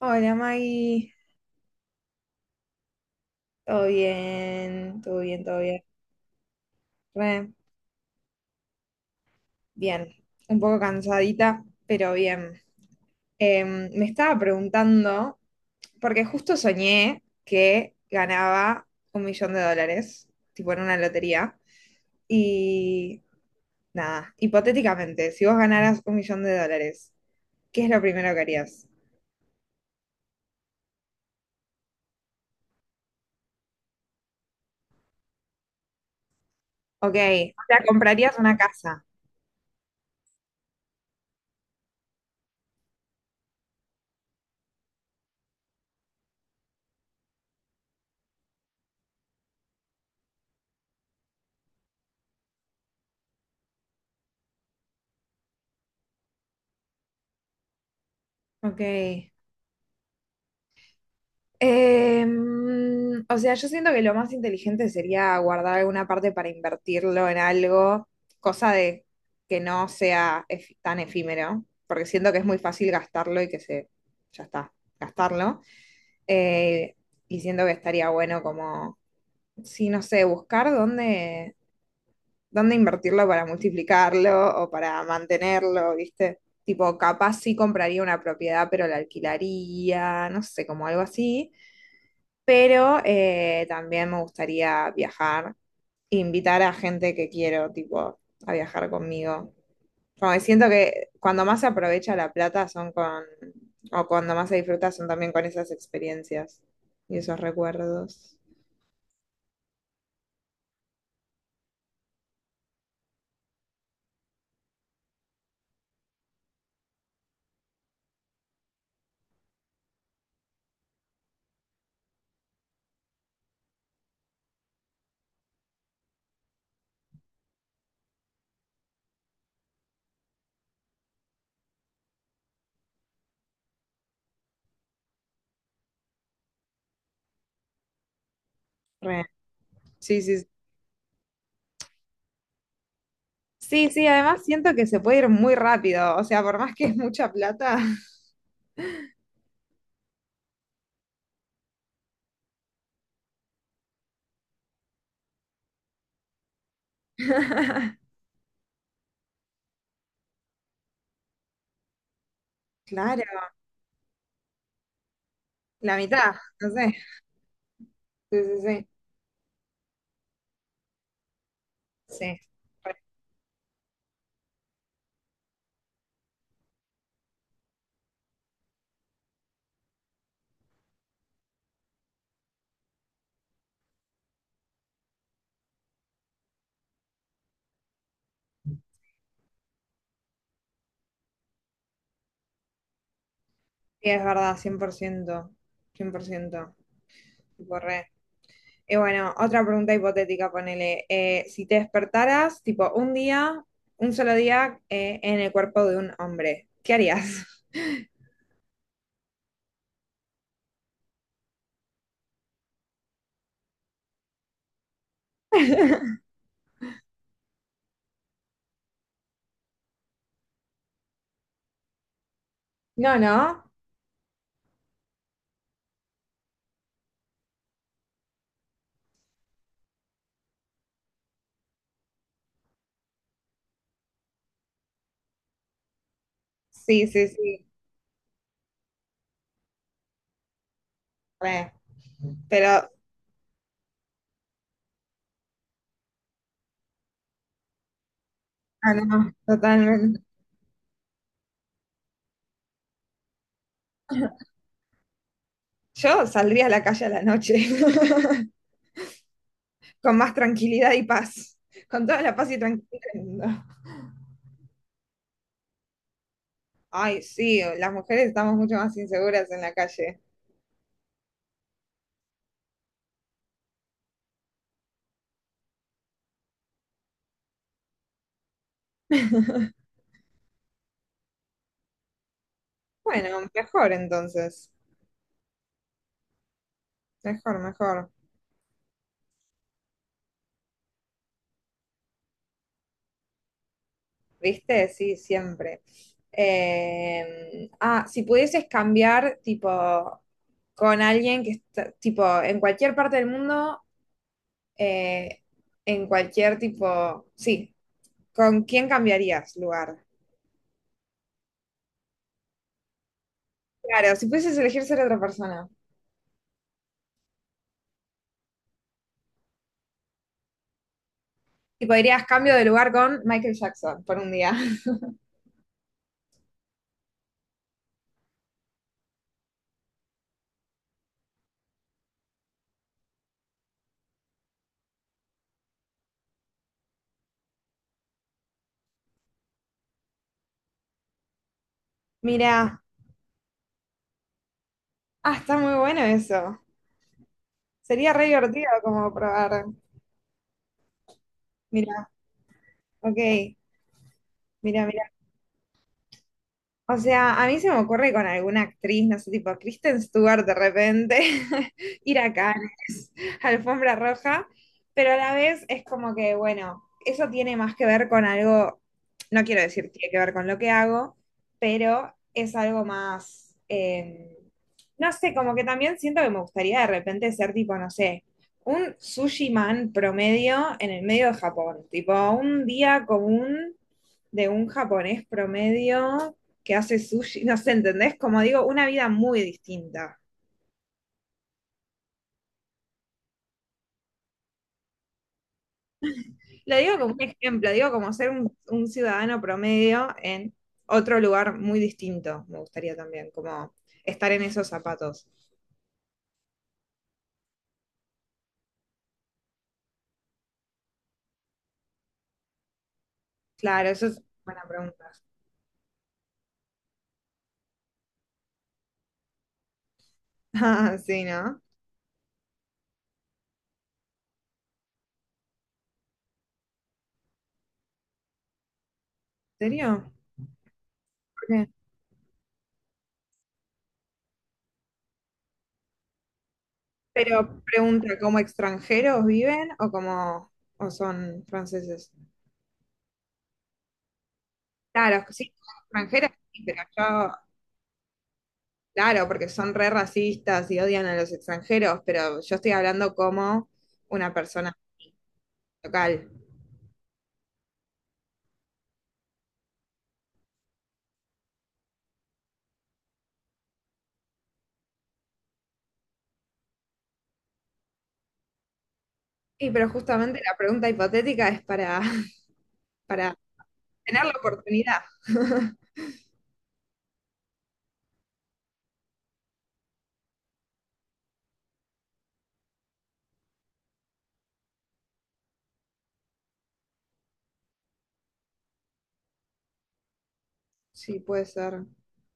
Hola Maggie, todo bien, todo bien, todo bien. Re bien, un poco cansadita, pero bien. Me estaba preguntando, porque justo soñé que ganaba 1.000.000 de dólares, tipo en una lotería, y nada, hipotéticamente, si vos ganaras 1.000.000 de dólares, ¿qué es lo primero que harías? Ok, o sea, comprarías una casa. Ok. O sea, yo siento que lo más inteligente sería guardar alguna parte para invertirlo en algo, cosa de que no sea tan efímero, porque siento que es muy fácil gastarlo y que se, ya está, gastarlo. Eh, y siento que estaría bueno como, sí, no sé, buscar dónde invertirlo para multiplicarlo o para mantenerlo, ¿viste? Tipo, capaz sí compraría una propiedad, pero la alquilaría, no sé, como algo así, pero también me gustaría viajar, invitar a gente que quiero, tipo, a viajar conmigo. Como que siento que cuando más se aprovecha la plata son con, o cuando más se disfruta son también con esas experiencias y esos recuerdos. Re. Sí, sí. Sí, sí, sí, además siento que se puede ir muy rápido, o sea, por más que es mucha plata, claro, la mitad, no sé. Sí, sí, sí. Sí. Re. Sí, es verdad, 100%, 100%, tipo re. Y bueno, otra pregunta hipotética, ponele, si te despertaras, tipo, un día, un solo día, en el cuerpo de un hombre, ¿qué harías? No, no. Sí, sí, sí. Re. Pero, ah, no, no, totalmente. Yo saldría a la calle a la noche, con más tranquilidad y paz, con toda la paz y tranquilidad del mundo. Ay, sí, las mujeres estamos mucho más inseguras en la calle. Bueno, mejor entonces. Mejor, mejor. ¿Viste? Sí, siempre. Si pudieses cambiar, tipo, con alguien que está, tipo, en cualquier parte del mundo, eh, en cualquier tipo, sí, ¿con quién cambiarías lugar? Claro, si pudieses elegir ser otra persona, tipo, dirías cambio de lugar con Michael Jackson por un día. Mira, ah, está muy bueno eso. Sería re divertido como probar. Mira, ok, mira, mira. O sea, a mí se me ocurre con alguna actriz, no sé, tipo Kristen Stewart de repente, ir a Cannes, alfombra roja, pero a la vez es como que, bueno, eso tiene más que ver con algo, no quiero decir tiene que ver con lo que hago, pero es algo más, no sé, como que también siento que me gustaría de repente ser tipo, no sé, un sushi man promedio en el medio de Japón, tipo un día común de un japonés promedio que hace sushi, no sé, ¿entendés? Como digo, una vida muy distinta. Lo digo como un ejemplo, digo como ser un ciudadano promedio en otro lugar muy distinto, me gustaría también, como estar en esos zapatos. Claro, eso es buena pregunta. Ah, sí, ¿no? ¿En serio? ¿Por qué? Pero pregunta, ¿como extranjeros viven o como o son franceses? Claro, sí, extranjeras, sí, pero yo claro, porque son re racistas y odian a los extranjeros, pero yo estoy hablando como una persona local. Y pero justamente la pregunta hipotética es para, para tener la oportunidad. Sí, puede ser.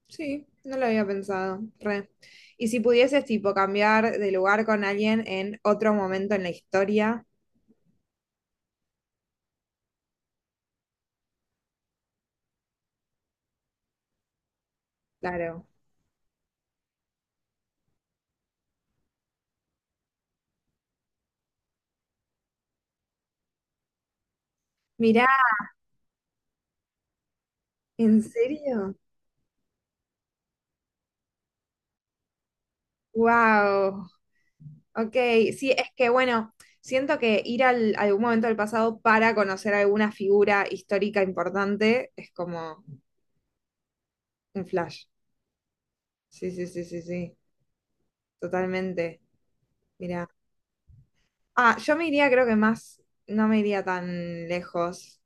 Sí, no lo había pensado. Re. Y si pudieses, tipo, cambiar de lugar con alguien en otro momento en la historia, claro. Mirá, ¿en serio? Wow. Ok, sí, es que bueno, siento que ir al, a algún momento del pasado para conocer alguna figura histórica importante es como un flash. Sí, sí, sí, sí, sí, totalmente. Mira. Ah, yo me iría, creo que más, no me iría tan lejos.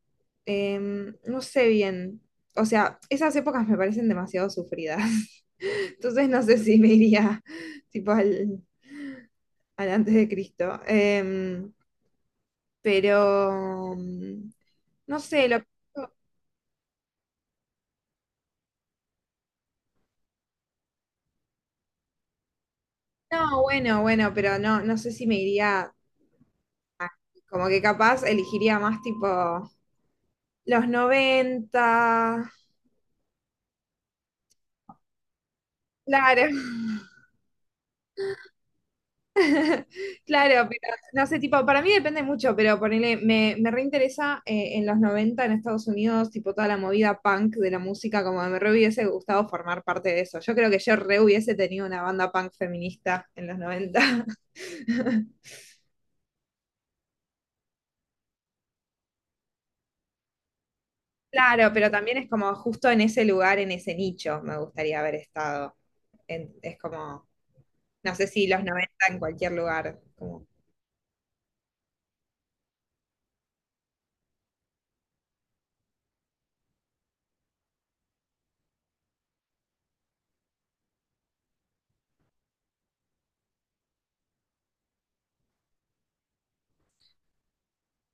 No sé bien. O sea, esas épocas me parecen demasiado sufridas. Entonces no sé si me iría tipo al, al antes de Cristo. Pero no sé, lo no, bueno, bueno, pero no, no sé si me iría, como que capaz elegiría más tipo los noventa. Claro, claro, pero no sé, tipo, para mí depende mucho, pero ponele, me reinteresa en los 90 en Estados Unidos, tipo toda la movida punk de la música, como me re hubiese gustado formar parte de eso. Yo creo que yo re hubiese tenido una banda punk feminista en los noventa. Claro, pero también es como justo en ese lugar, en ese nicho, me gustaría haber estado. En- es como no sé si los 90 en cualquier lugar. Como,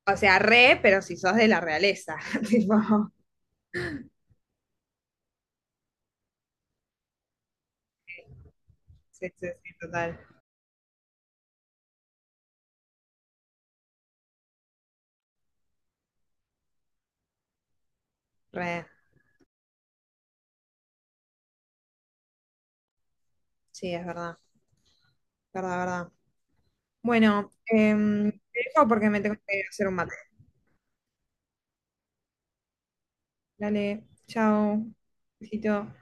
o sea, re, pero si sos de la realeza. Tipo, sí, sí, sí, total. Re. Sí, es verdad. Verdad, verdad. Bueno, em, te dejo porque me tengo que hacer un mate. Dale, chao. Besito.